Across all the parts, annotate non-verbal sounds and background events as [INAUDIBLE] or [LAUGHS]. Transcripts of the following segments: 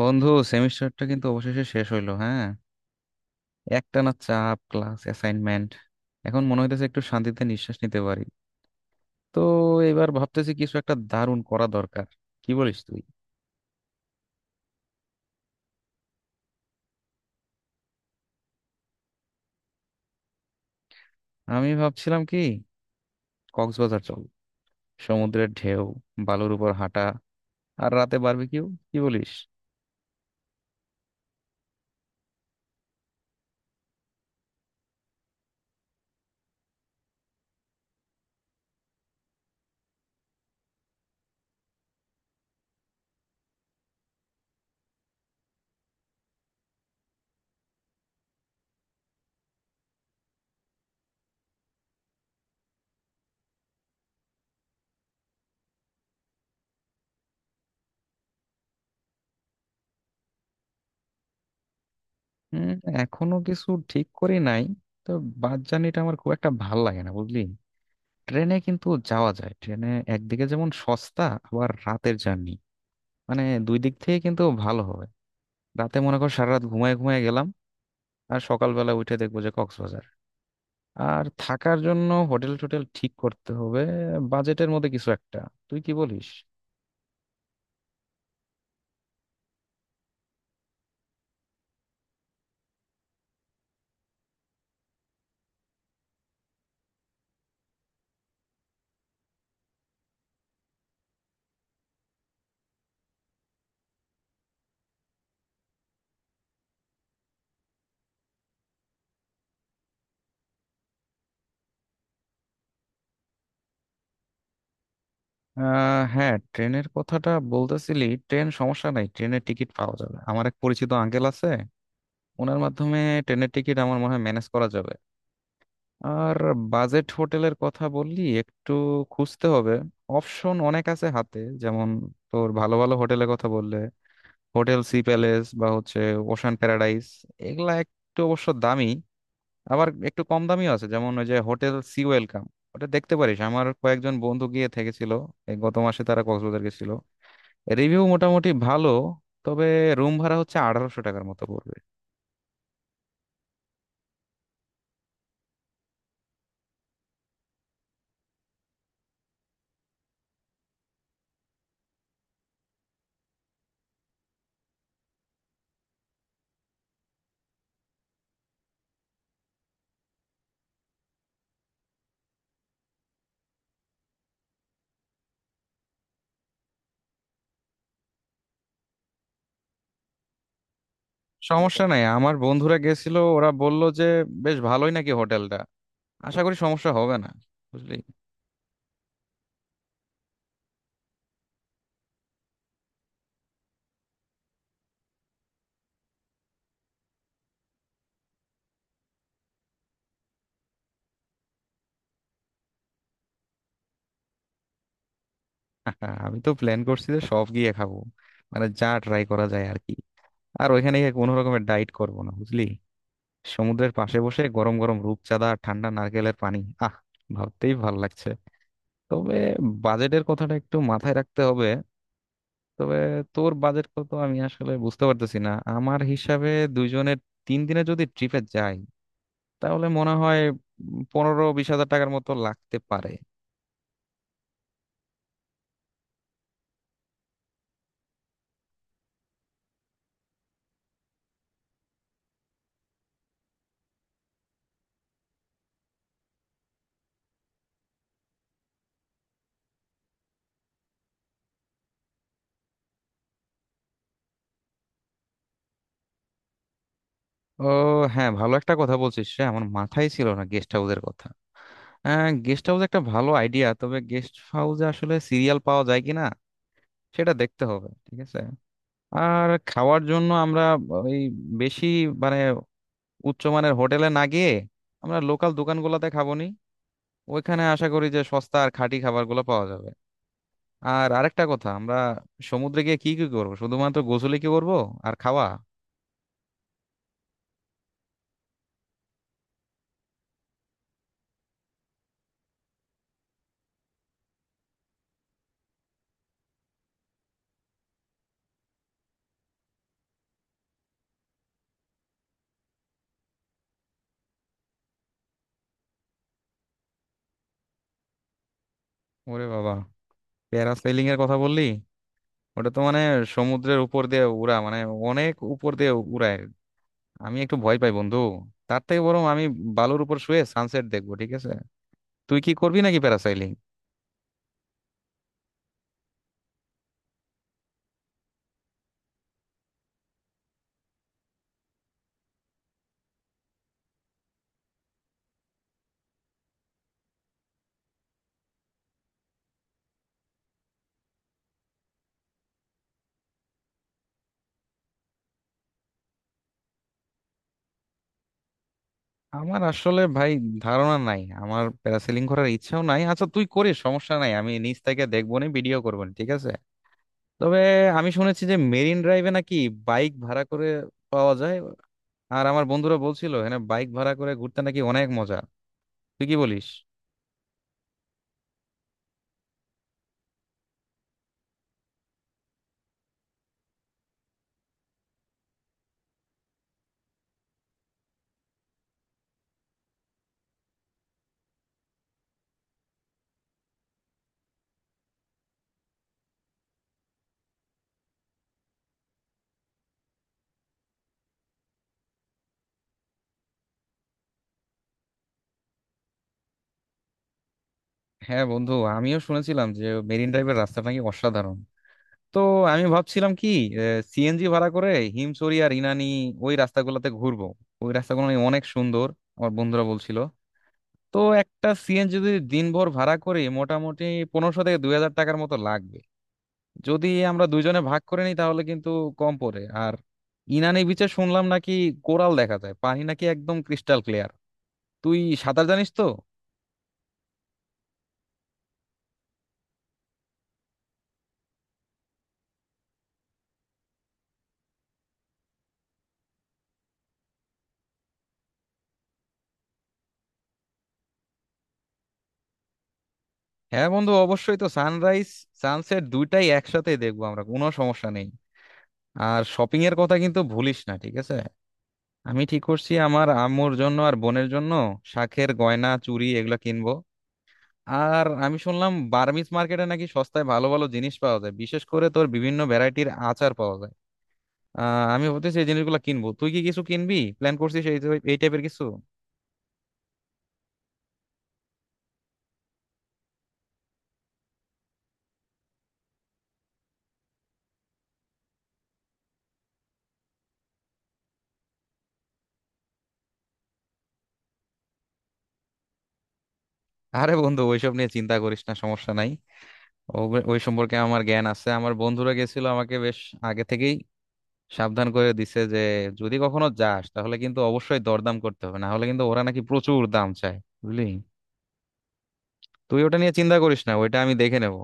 বন্ধু, সেমিস্টারটা কিন্তু অবশেষে শেষ হইলো। হ্যাঁ, একটানা চাপ, ক্লাস, অ্যাসাইনমেন্ট। এখন মনে হইতেছে একটু শান্তিতে নিঃশ্বাস নিতে পারি। তো এবার ভাবতেছি কিছু একটা দারুণ করা দরকার। কি বলিস তুই? আমি ভাবছিলাম কি, কক্সবাজার চল। সমুদ্রের ঢেউ, বালুর উপর হাঁটা, আর রাতে বারবিকিউ। কি বলিস? হুম, এখনো কিছু ঠিক করি নাই। তো বাস জার্নিটা আমার খুব একটা ভাল লাগে না, বুঝলি। ট্রেনে কিন্তু যাওয়া যায়, ট্রেনে একদিকে যেমন সস্তা, আবার রাতের জার্নি, মানে দুই দিক থেকে কিন্তু ভালো হবে। রাতে মনে কর সারা রাত ঘুমায় ঘুমায় গেলাম, আর সকালবেলা উঠে দেখবো যে কক্সবাজার। আর থাকার জন্য হোটেল টোটেল ঠিক করতে হবে, বাজেটের মধ্যে কিছু একটা। তুই কি বলিস? আহ হ্যাঁ, ট্রেনের কথাটা বলতেছিলি। ট্রেন সমস্যা নাই, ট্রেনের টিকিট পাওয়া যাবে। আমার এক পরিচিত আঙ্কেল আছে, ওনার মাধ্যমে ট্রেনের টিকিট আমার মনে হয় ম্যানেজ করা যাবে। আর বাজেট হোটেলের কথা বললি, একটু খুঁজতে হবে। অপশন অনেক আছে হাতে। যেমন তোর ভালো ভালো হোটেলের কথা বললে, হোটেল সি প্যালেস বা হচ্ছে ওশান প্যারাডাইস, এগুলা একটু অবশ্য দামি। আবার একটু কম দামিও আছে, যেমন ওই যে হোটেল সি ওয়েলকাম, ওটা দেখতে পারিস। আমার কয়েকজন বন্ধু গিয়ে থেকেছিল, এই গত মাসে তারা কক্সবাজার গেছিল। রিভিউ মোটামুটি ভালো। তবে রুম ভাড়া হচ্ছে 1800 টাকার মতো পড়বে। সমস্যা নাই, আমার বন্ধুরা গেছিল, ওরা বলল যে বেশ ভালোই নাকি হোটেলটা। আশা করি সমস্যা হবে না, বুঝলি। [LAUGHS] আমি তো প্ল্যান করছি যে সব গিয়ে খাবো, মানে যা ট্রাই করা যায় আর কি। আর ওইখানে গিয়ে কোনো রকমের ডাইট করবো না, বুঝলি। সমুদ্রের পাশে বসে গরম গরম রূপচাঁদা আর ঠান্ডা নারকেলের পানি, আহ, ভাবতেই ভাল লাগছে। তবে বাজেটের কথাটা একটু মাথায় রাখতে হবে। তবে তোর বাজেট কত আমি আসলে বুঝতে পারতেছি না। আমার হিসাবে দুইজনের তিন দিনে যদি ট্রিপে যাই, তাহলে মনে হয় 15-20 হাজার টাকার মতো লাগতে পারে। ও হ্যাঁ, ভালো একটা কথা বলছিস রে, আমার মাথায় ছিল না গেস্ট হাউসের কথা। হ্যাঁ, গেস্ট হাউস একটা ভালো আইডিয়া। তবে গেস্ট হাউসে আসলে সিরিয়াল পাওয়া যায় কিনা সেটা দেখতে হবে, ঠিক আছে। আর খাওয়ার জন্য আমরা ওই বেশি, মানে উচ্চমানের হোটেলে না গিয়ে, আমরা লোকাল দোকানগুলোতে খাবো নি। ওইখানে আশা করি যে সস্তা আর খাঁটি খাবারগুলো পাওয়া যাবে। আর আরেকটা কথা, আমরা সমুদ্রে গিয়ে কি কি করবো, শুধুমাত্র গোসলে কি করবো আর খাওয়া? ওরে বাবা, প্যারাসেলিং এর কথা বললি! ওটা তো মানে সমুদ্রের উপর দিয়ে উড়া, মানে অনেক উপর দিয়ে উড়ায়। আমি একটু ভয় পাই বন্ধু। তার থেকে বরং আমি বালুর উপর শুয়ে সানসেট দেখবো, ঠিক আছে। তুই কি করবি নাকি প্যারাসেলিং? আমার আসলে ভাই ধারণা নাই, আমার প্যারাসেলিং করার ইচ্ছাও নাই। আচ্ছা তুই করিস, সমস্যা নাই, আমি নিচ থেকে দেখবো নি, ভিডিও করবো নি, ঠিক আছে। তবে আমি শুনেছি যে মেরিন ড্রাইভে নাকি বাইক ভাড়া করে পাওয়া যায়। আর আমার বন্ধুরা বলছিল, হ্যাঁ, বাইক ভাড়া করে ঘুরতে নাকি অনেক মজা। তুই কি বলিস? হ্যাঁ বন্ধু, আমিও শুনেছিলাম যে মেরিন ড্রাইভের রাস্তা নাকি অসাধারণ। তো আমি ভাবছিলাম কি, সিএনজি ভাড়া করে হিমছড়ি আর ইনানি, ওই রাস্তাগুলোতে ঘুরবো। ওই রাস্তাগুলো নাকি অনেক সুন্দর, আমার বন্ধুরা বলছিল। তো একটা সিএনজি যদি দিনভর ভাড়া করি, মোটামুটি 1500 থেকে 2000 টাকার মতো লাগবে। যদি আমরা দুইজনে ভাগ করে নিই তাহলে কিন্তু কম পড়ে। আর ইনানি বিচে শুনলাম নাকি কোরাল দেখা যায়, পানি নাকি একদম ক্রিস্টাল ক্লিয়ার। তুই সাঁতার জানিস তো? হ্যাঁ বন্ধু, অবশ্যই তো, সানরাইজ সানসেট দুইটাই একসাথে দেখবো আমরা, কোনো সমস্যা নেই। আর শপিং এর কথা কিন্তু ভুলিস না, ঠিক আছে। আমি ঠিক করছি আমার আম্মুর জন্য আর বোনের জন্য শাঁখের গয়না, চুড়ি, এগুলো কিনবো। আর আমি শুনলাম বার্মিজ মার্কেটে নাকি সস্তায় ভালো ভালো জিনিস পাওয়া যায়, বিশেষ করে তোর বিভিন্ন ভ্যারাইটির আচার পাওয়া যায়। আহ, আমি ভাবতেছি এই জিনিসগুলো কিনবো। তুই কি কিছু কিনবি, প্ল্যান করছিস এই এই টাইপের কিছু? আরে বন্ধু, ওইসব নিয়ে চিন্তা করিস না, সমস্যা নাই। ওই সম্পর্কে আমার জ্ঞান আছে। আমার বন্ধুরা গেছিল, আমাকে বেশ আগে থেকেই সাবধান করে দিছে যে যদি কখনো যাস তাহলে কিন্তু অবশ্যই দরদাম করতে হবে, না হলে কিন্তু ওরা নাকি প্রচুর দাম চায়, বুঝলি। তুই ওটা নিয়ে চিন্তা করিস না, ওইটা আমি দেখে নেব।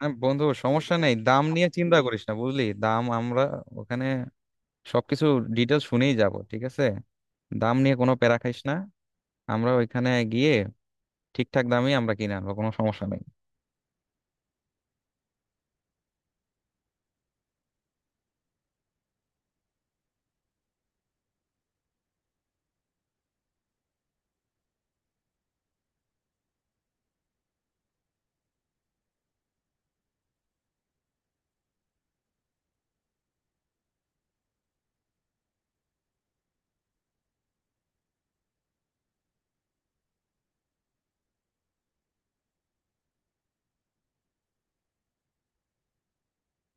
হ্যাঁ বন্ধু, সমস্যা নেই, দাম নিয়ে চিন্তা করিস না, বুঝলি। দাম আমরা ওখানে সবকিছু ডিটেল শুনেই যাব, ঠিক আছে। দাম নিয়ে কোনো প্যারা খাইস না। আমরা ওইখানে গিয়ে ঠিকঠাক দামই আমরা কিনে আনবো, কোনো সমস্যা নেই।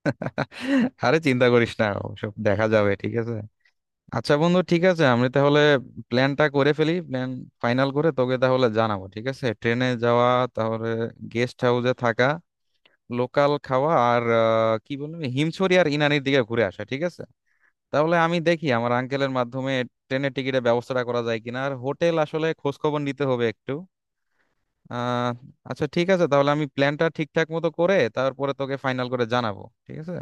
[LAUGHS] আরে চিন্তা করিস না, ওসব দেখা যাবে, ঠিক আছে। আচ্ছা বন্ধু, ঠিক আছে, আমি তাহলে প্ল্যানটা করে ফেলি, প্ল্যান ফাইনাল করে তোকে তাহলে জানাবো, ঠিক আছে। ট্রেনে যাওয়া, তাহলে গেস্ট হাউসে থাকা, লোকাল খাওয়া, আর কি বলবো, হিমছড়ি আর ইনানির দিকে ঘুরে আসা, ঠিক আছে। তাহলে আমি দেখি আমার আঙ্কেলের মাধ্যমে ট্রেনের টিকিটের ব্যবস্থাটা করা যায় কিনা, আর হোটেল আসলে খোঁজ খবর নিতে হবে একটু। আহ, আচ্ছা ঠিক আছে, তাহলে আমি প্ল্যানটা ঠিকঠাক মতো করে তারপরে তোকে ফাইনাল করে জানাবো, ঠিক আছে।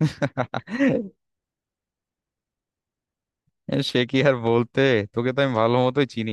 [LAUGHS] সে কি আর বলতে, তোকে তো আমি ভালো মতোই চিনি।